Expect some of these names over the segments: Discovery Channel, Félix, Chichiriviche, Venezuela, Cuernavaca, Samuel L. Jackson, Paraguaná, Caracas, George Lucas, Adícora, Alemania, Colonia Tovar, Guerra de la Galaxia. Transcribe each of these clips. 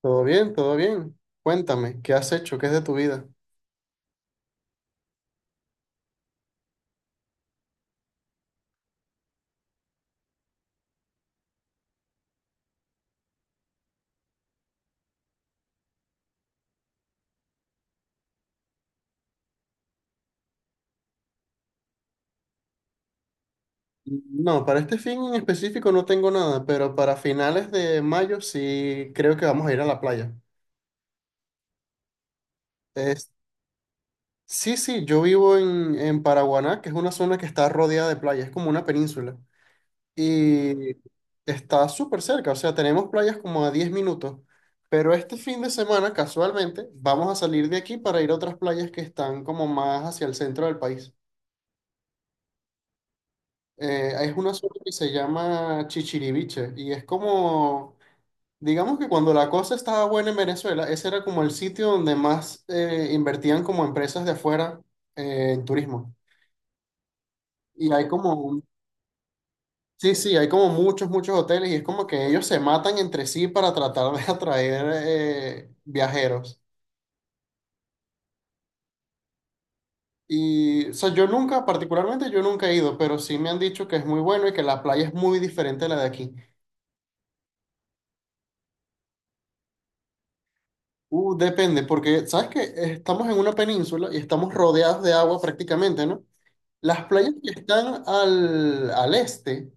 Todo bien, todo bien. Cuéntame, ¿qué has hecho? ¿Qué es de tu vida? No, para este fin en específico no tengo nada, pero para finales de mayo sí creo que vamos a ir a la playa. Es, sí, sí, yo vivo en Paraguaná, que es una zona que está rodeada de playas, es como una península. Y está súper cerca, o sea, tenemos playas como a 10 minutos. Pero este fin de semana, casualmente, vamos a salir de aquí para ir a otras playas que están como más hacia el centro del país. Es una sopa que se llama chichiriviche y es como, digamos que cuando la cosa estaba buena en Venezuela, ese era como el sitio donde más invertían como empresas de afuera en turismo. Y hay como, sí, sí, hay como muchos, muchos hoteles y es como que ellos se matan entre sí para tratar de atraer viajeros. Y, o sea, yo nunca, particularmente yo nunca he ido, pero sí me han dicho que es muy bueno y que la playa es muy diferente a la de aquí. Depende, porque sabes que estamos en una península y estamos rodeados de agua prácticamente, ¿no? Las playas que están al este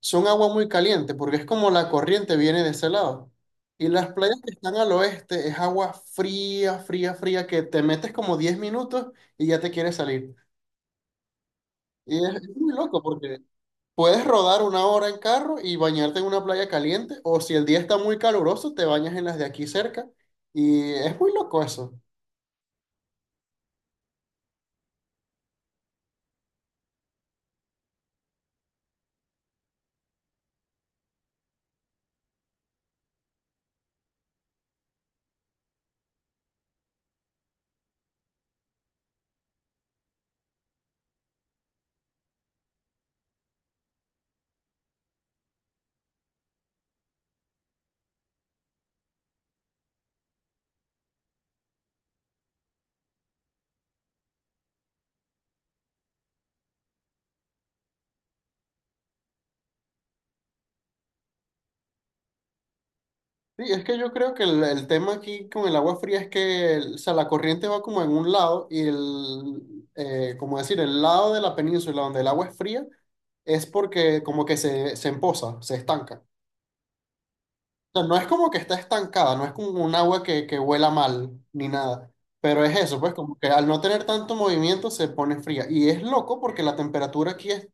son agua muy caliente, porque es como la corriente viene de ese lado. Y las playas que están al oeste es agua fría, fría, fría, que te metes como 10 minutos y ya te quieres salir. Y es muy loco porque puedes rodar una hora en carro y bañarte en una playa caliente, o si el día está muy caluroso, te bañas en las de aquí cerca. Y es muy loco eso. Sí, es que yo creo que el tema aquí con el agua fría es que o sea, la corriente va como en un lado y el, como decir, el lado de la península donde el agua es fría es porque como que se empoza, se estanca. O sea, no es como que está estancada, no es como un agua que huela mal ni nada, pero es eso, pues como que al no tener tanto movimiento se pone fría. Y es loco porque la temperatura aquí es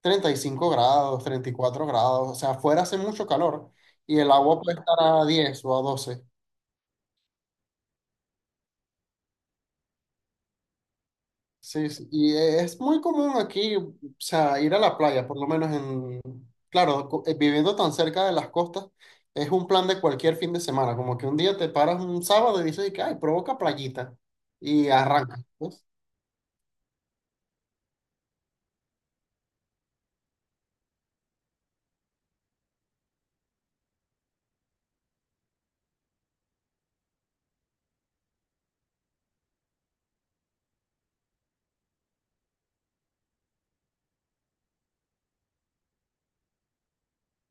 35 grados, 34 grados, o sea, afuera hace mucho calor y el agua puede estar a 10 o a 12. Sí, sí, y es muy común aquí, o sea, ir a la playa, por lo menos en, claro, viviendo tan cerca de las costas, es un plan de cualquier fin de semana, como que un día te paras un sábado y dices, y que, ay, provoca playita, y arrancas, pues,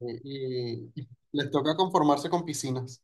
y les toca conformarse con piscinas.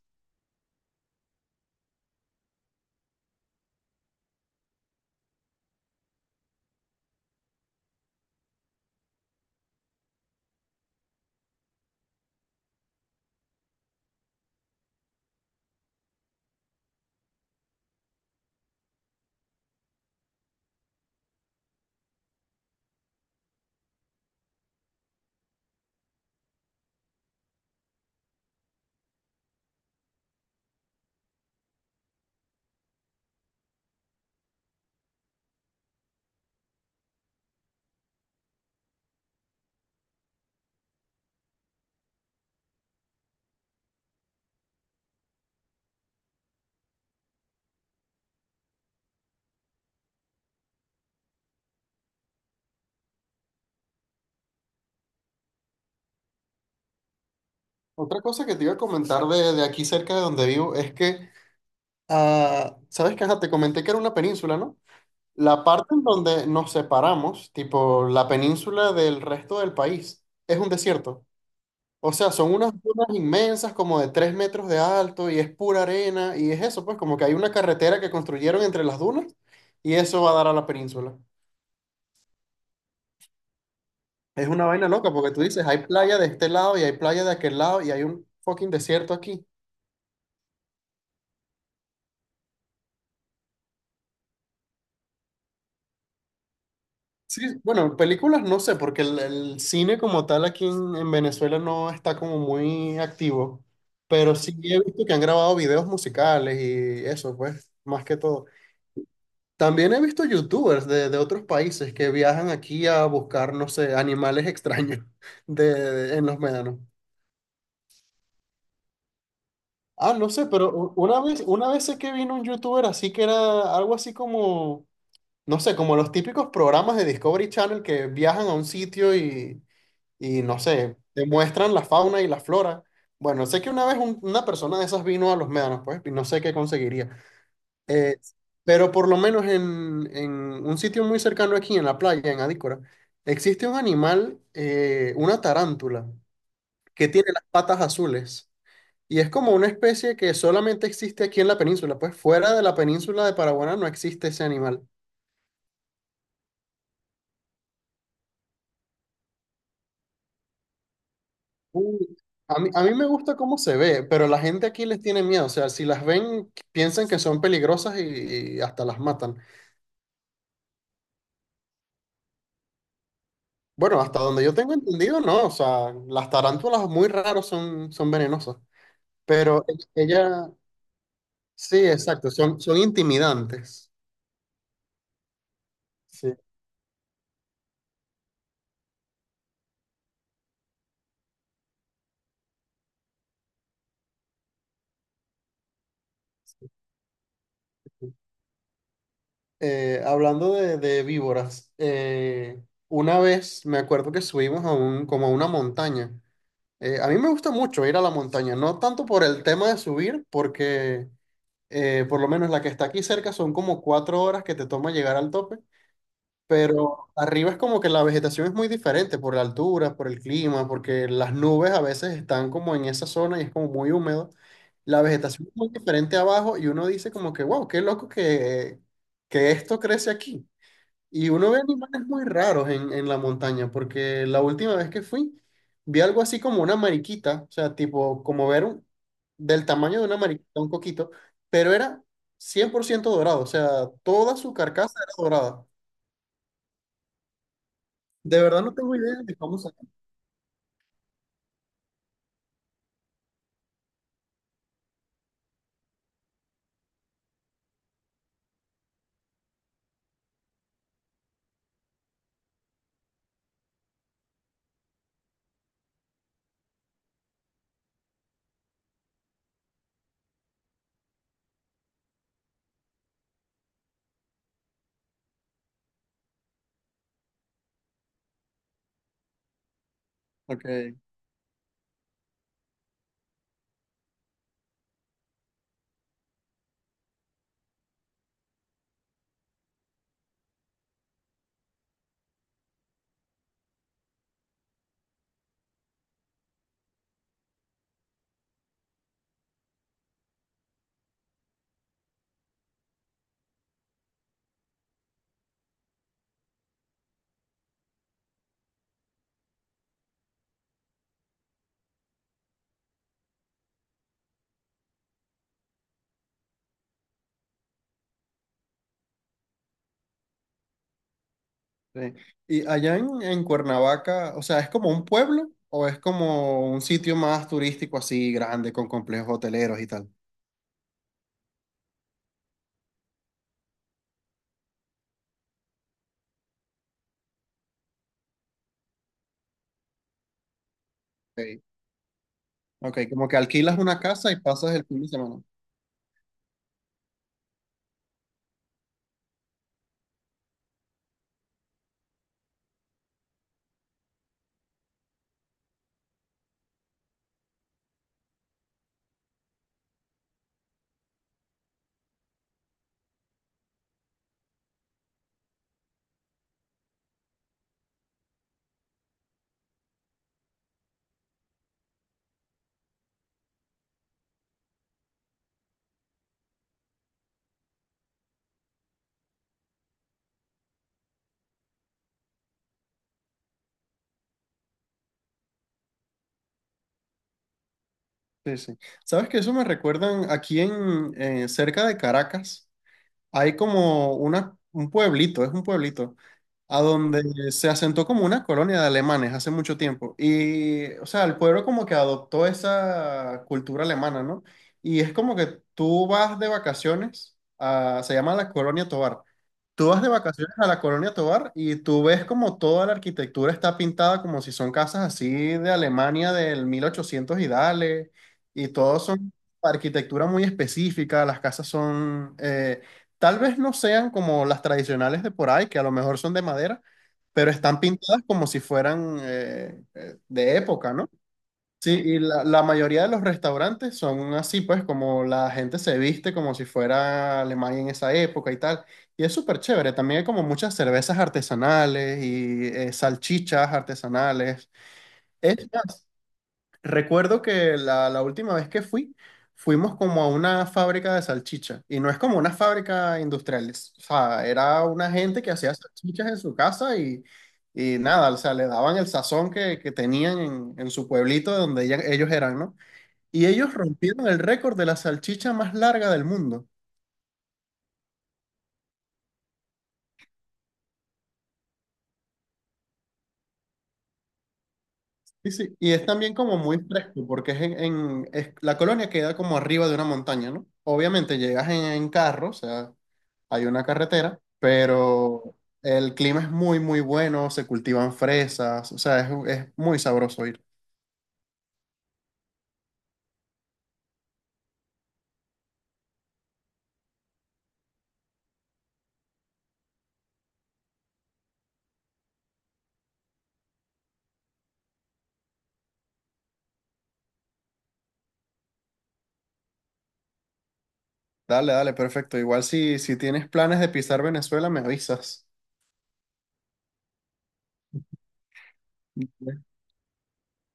Otra cosa que te iba a comentar de aquí cerca de donde vivo es que, ah, sabes que, ajá, te comenté que era una península, ¿no? La parte en donde nos separamos, tipo la península del resto del país, es un desierto. O sea, son unas dunas inmensas como de 3 metros de alto y es pura arena y es eso, pues como que hay una carretera que construyeron entre las dunas y eso va a dar a la península. Es una vaina loca porque tú dices, hay playa de este lado y hay playa de aquel lado y hay un fucking desierto aquí. Sí, bueno, películas no sé, porque el cine como tal aquí en Venezuela no está como muy activo, pero sí he visto que han grabado videos musicales y eso, pues, más que todo. También he visto youtubers de otros países que viajan aquí a buscar, no sé, animales extraños de, en los médanos. Ah, no sé, pero una vez sé que vino un youtuber así que era algo así como, no sé, como los típicos programas de Discovery Channel que viajan a un sitio y no sé, te muestran la fauna y la flora. Bueno, sé que una vez una persona de esas vino a los médanos, pues, y no sé qué conseguiría. Eh, pero por lo menos en un sitio muy cercano aquí, en la playa, en Adícora, existe un animal, una tarántula, que tiene las patas azules. Y es como una especie que solamente existe aquí en la península, pues fuera de la península de Paraguaná no existe ese animal. Uy, a mí me gusta cómo se ve, pero la gente aquí les tiene miedo. O sea, si las ven, piensan que son peligrosas y hasta las matan. Bueno, hasta donde yo tengo entendido, no. O sea, las tarántulas muy raros son, son venenosas. Pero ella, sí, exacto, son, son intimidantes. Sí. Hablando de víboras, una vez me acuerdo que subimos a un, como a una montaña. A mí me gusta mucho ir a la montaña, no tanto por el tema de subir, porque por lo menos la que está aquí cerca son como 4 horas que te toma llegar al tope, pero arriba es como que la vegetación es muy diferente por la altura, por el clima, porque las nubes a veces están como en esa zona y es como muy húmedo. La vegetación es muy diferente abajo y uno dice como que, wow, qué loco que esto crece aquí. Y uno ve animales muy raros en la montaña, porque la última vez que fui, vi algo así como una mariquita, o sea, tipo, como ver un, del tamaño de una mariquita, un coquito, pero era 100% dorado, o sea, toda su carcasa era dorada. De verdad no tengo idea de cómo se llama. Ok, sí. Y allá en Cuernavaca, o sea, ¿es como un pueblo o es como un sitio más turístico así grande con complejos hoteleros y tal? Ok. Ok, como que alquilas una casa y pasas el fin de semana. Sí, sí. ¿Sabes? Que Eso me recuerdan aquí en cerca de Caracas hay como una, un pueblito, es un pueblito, a donde se asentó como una colonia de alemanes hace mucho tiempo. Y, o sea, el pueblo como que adoptó esa cultura alemana, ¿no? Y es como que tú vas de vacaciones a, se llama la Colonia Tovar. Tú vas de vacaciones a la Colonia Tovar y tú ves como toda la arquitectura está pintada como si son casas así de Alemania del 1800 y dale, y todos son arquitectura muy específica, las casas son tal vez no sean como las tradicionales de por ahí, que a lo mejor son de madera, pero están pintadas como si fueran de época, ¿no? Sí, y la mayoría de los restaurantes son así, pues como la gente se viste como si fuera Alemania en esa época y tal. Y es súper chévere, también hay como muchas cervezas artesanales y salchichas artesanales. Es más, recuerdo que la última vez que fui, fuimos como a una fábrica de salchicha. Y no es como una fábrica industrial. O sea, era una gente que hacía salchichas en su casa y nada, o sea, le daban el sazón que tenían en su pueblito de donde ellos eran, ¿no? Y ellos rompieron el récord de la salchicha más larga del mundo. Sí, sí. Y es también como muy fresco, porque es en, la colonia queda como arriba de una montaña, ¿no? Obviamente llegas en carro, o sea, hay una carretera, pero el clima es muy, muy bueno, se cultivan fresas, o sea, es muy sabroso ir. Dale, dale, perfecto. Igual si, si tienes planes de pisar Venezuela, me avisas.